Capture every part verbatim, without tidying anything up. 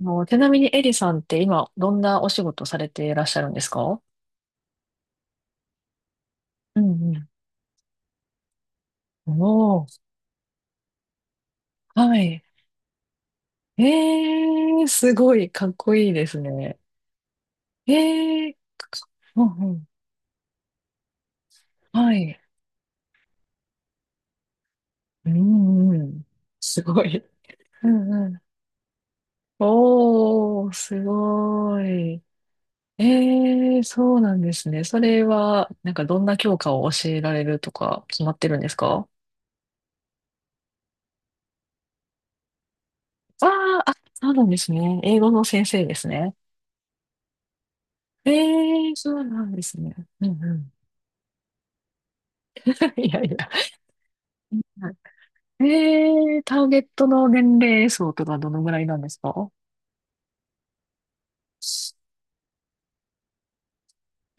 もうちなみにエリさんって今どんなお仕事されていらっしゃるんですか？うんうん。おー、はい。えー、すごい、かっこいいですね。えー、かかうんうん。はい。うんうん。すごい。うんうん。おー、すごい。えー、そうなんですね。それは、なんかどんな教科を教えられるとか決まってるんですか？あー、あ、そうなんですね。英語の先生ですね。ええ、そうなんですね。うんうん。いやいや。うん。ええ、ターゲットの年齢層とかどのぐらいなんですか？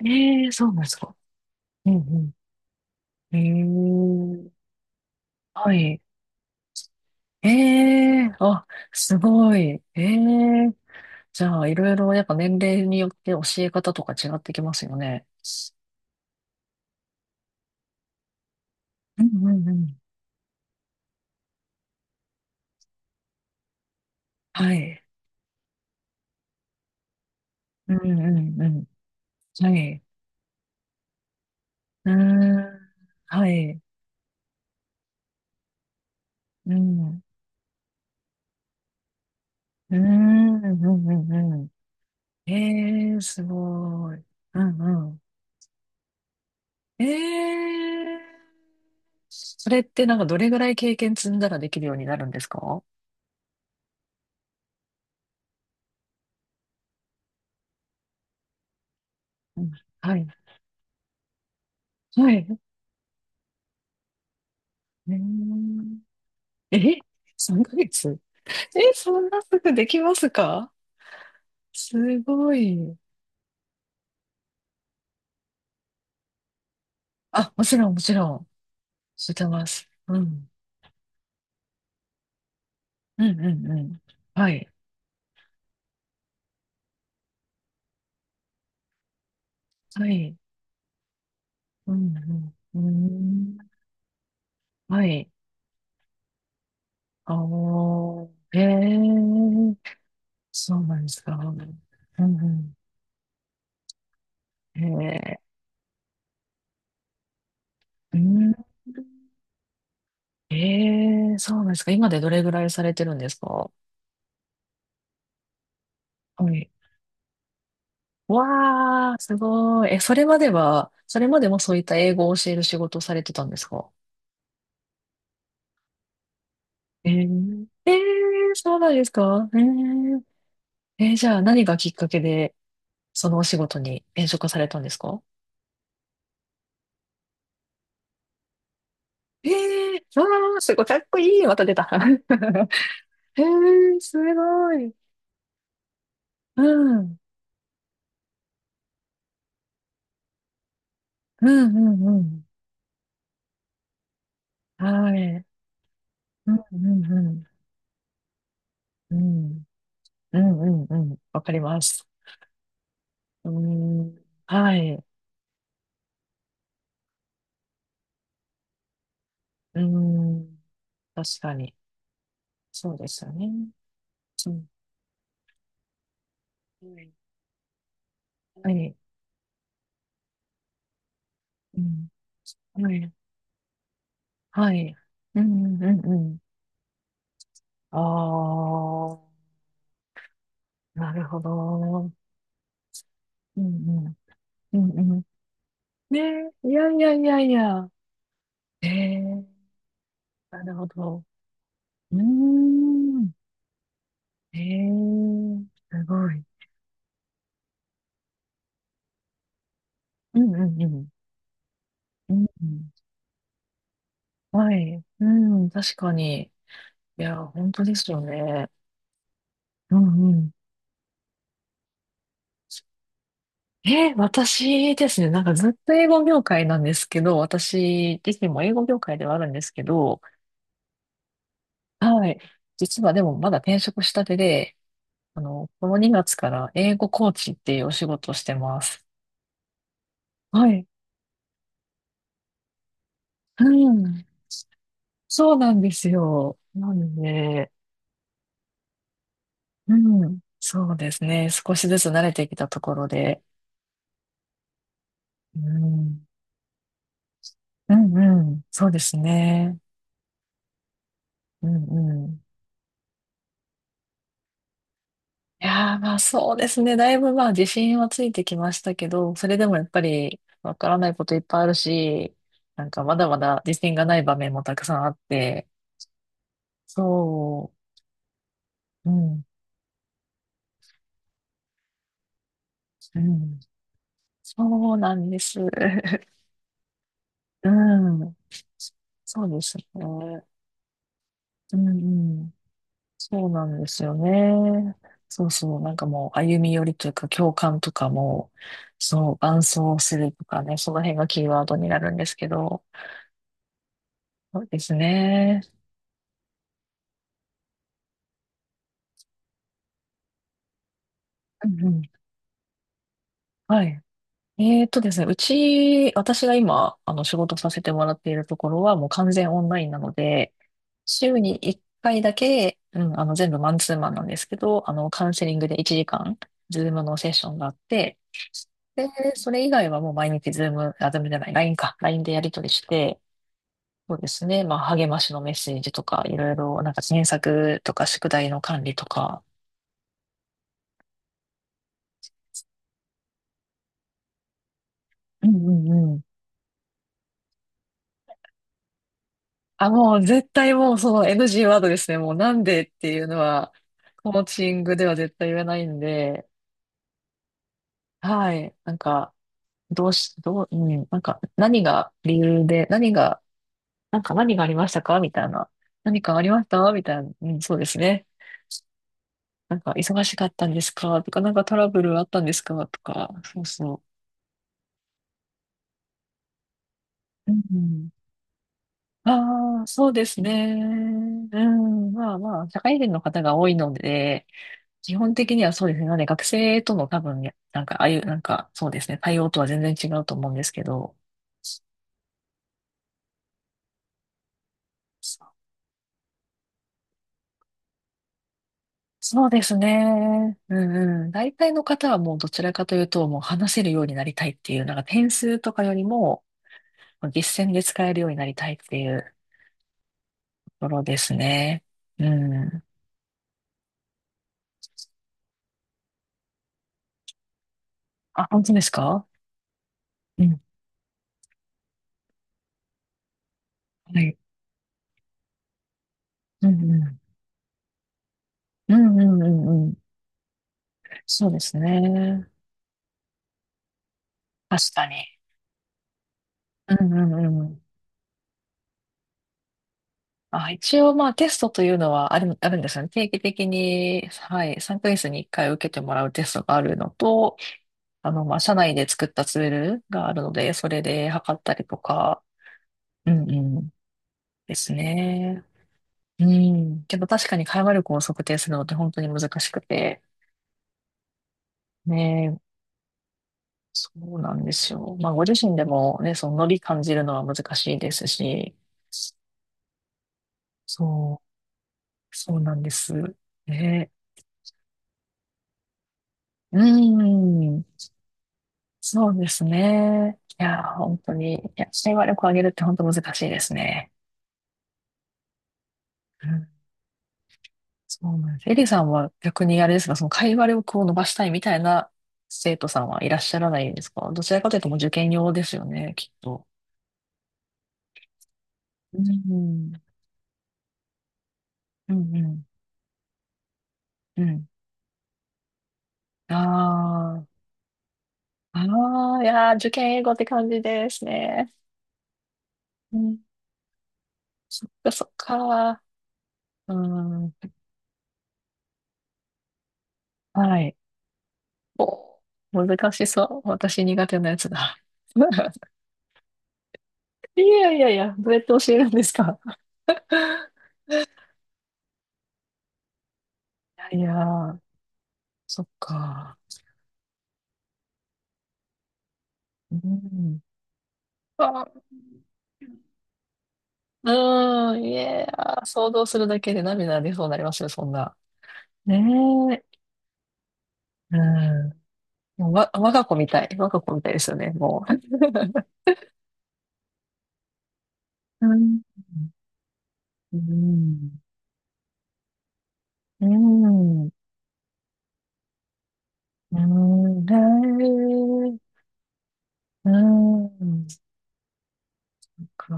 ええ、そうなんですか。うんうん。ええ、はい。ええ、あ、すごい。ええ、じゃあ、いろいろやっぱ年齢によって教え方とか違ってきますよね。うんうんうん。はい。うんうんうん。はい。うーん。はい。うん。うーん。うんうんうん。ええー、すごい。うんうん。ええ、それってなんかどれぐらい経験積んだらできるようになるんですか？うん。はい。はい。えー、え、さんかげつ。 え、そんなすぐできますか？すごい。あ、もちろん、もちろん。知ってます。うん。うんうんうん。はい。はい。うんうん。うーん。はい。あー。ええ、そうなんですか。うんうん。えー、うん。えー、そうなんですか？今でどれぐらいされてるんですか？はい。わー、すごい。え、それまでは、それまでもそういった英語を教える仕事をされてたんですか？えー、えー、そうなんですか？えー、えー、じゃあ何がきっかけで、そのお仕事に転職されたんですか？えー、わー、すごい、かっこいい。また出た。えー、すごい。うん、うん、うん、うん。はい。うんうんうん。うん。うんうんうん。わかります。うーん。はい。うーん。確かに。そうですよね。うん。はい。うん。はい。はい。うんうんうんうん。ああ、なるほど。うんうん。うんうん。ねえ、いやいやいやいや。ええ、なるほど。うーん。ええ、すごい。うんうんうん。うんうん。はい。うん、確かに。いや、本当ですよね。うんうん。え、私ですね、なんかずっと英語業界なんですけど、私自身も英語業界ではあるんですけど、はい。実はでもまだ転職したてで、あの、このにがつから英語コーチっていうお仕事をしてます。はい。うん。そうなんですよ。なんでね、うん。そうですね。少しずつ慣れてきたところで。うん。うんうん。そうですね。うんうん。いやー、まあそうですね。だいぶまあ自信はついてきましたけど、それでもやっぱりわからないこといっぱいあるし、なんかまだまだ自信がない場面もたくさんあって、そう、うん、うん、そうなんです。うん、そうですね。うん、うん、そうなんですよね。そうそう、なんかもう歩み寄りというか共感とかも、そう、伴走するとかね、その辺がキーワードになるんですけど、そうですね。うんうん。はい。えーっとですね、うち、私が今、あの、仕事させてもらっているところは、もう完全オンラインなので、週にいっかいだけ、うん、あの、全部マンツーマンなんですけど、あの、カウンセリングでいちじかん、ズームのセッションがあって、で、それ以外はもう毎日ズーム、あ、ズームじゃない、ライン か、ラインでやり取りして、そうですね、まあ、励ましのメッセージとか、いろいろ、なんか、検索とか、宿題の管理とか、うんうん、あ、もう絶対もうその エヌジー ワードですね。もうなんでっていうのは、コーチングでは絶対言えないんで、はい。なんか、どうし、どう、うん、なんか、何が理由で、何が、なんか何がありましたかみたいな。何かありましたみたいな。うん、そうですね。なんか、忙しかったんですかとか、なんかトラブルあったんですかとか、そうそう。うん、ああ、そうですね。うん、まあまあ、社会人の方が多いので、基本的にはそうですね。なので学生との多分、なんか、ああいう、なんか、そうですね。対応とは全然違うと思うんですけど、そそうですね。うんうん。大体の方はもうどちらかというと、もう話せるようになりたいっていう、なんか点数とかよりも、実践で使えるようになりたいっていうところですね。うん。あ、本当ですか？うん。はい。うんうん。うんうんうんうん。そうですね。確かに。うんうんうん。あ、一応まあテストというのはある、あるんですよね。定期的に、はい、さんかげつにいっかい受けてもらうテストがあるのと、あの、まあ、社内で作ったツールがあるので、それで測ったりとか、うんうん、ですね。うん。けど確かに会話力を測定するのって本当に難しくて、ね、そうなんですよ。まあ、ご自身でもね、そのノリ感じるのは難しいですし、そう、そうなんです。ね。うん。そうですね。いや、本当に、いや、社員話力を上げるって本当難しいですね。うん、そうなんです。エリさんは逆にあれですが、その会話力を伸ばしたいみたいな生徒さんはいらっしゃらないんですか？どちらかというともう受験用ですよね、きっと。うん、うん、うん、うん。ああ、ああ、いやー、受験英語って感じですね。うん、そっか、そっか。うん、はい。お、難しそう。私苦手なやつだ。いやいやいや、どうやって教えるんですか？ いやいや、そっか。うん。あ、うん、いや、想像するだけで涙出そうになりますよ、そんな。ねえ。うん。もうわ、我が子みたい。我が子みたいですよね、もう。うん。うん。うん。うん。ねえ。うん。そっか。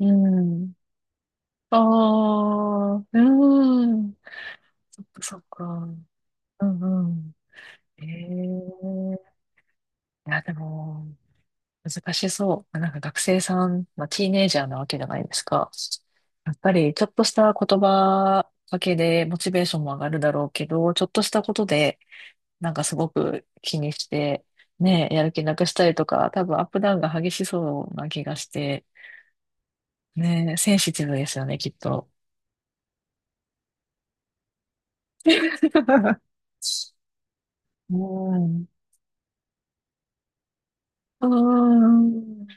うん。ああ、うん。そっか、そっか。うんうん。ええ、いや、でも、難しそう。なんか学生さん、まあ、ティーネイジャーなわけじゃないですか。やっぱり、ちょっとした言葉だけでモチベーションも上がるだろうけど、ちょっとしたことで、なんかすごく気にして、ねえ、やる気なくしたりとか、多分アップダウンが激しそうな気がして、ねえ、センシティブですよね、きっと。うん。うーん。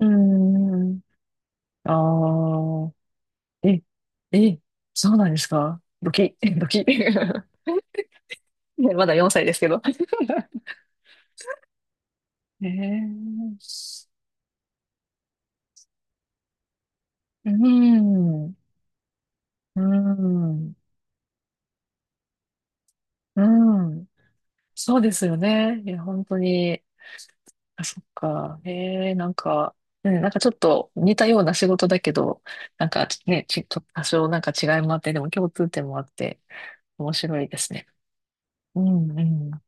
うーん。ああ。え、え、そうなんですか？ドキ、ドキ。ね、まだよんさいですけど。えー、うん、うん、うん。そうですよね。いや、本当に。あ、そっか。ええ、なんか、ね、なんかちょっと似たような仕事だけど、なんかね、ち、ちょっと多少なんか違いもあって、でも共通点もあって、面白いですね。うん、うん。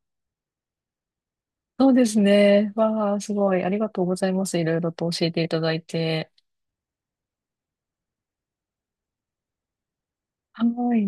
そうですね。わあ、すごい。ありがとうございます。いろいろと教えていただいて。はい。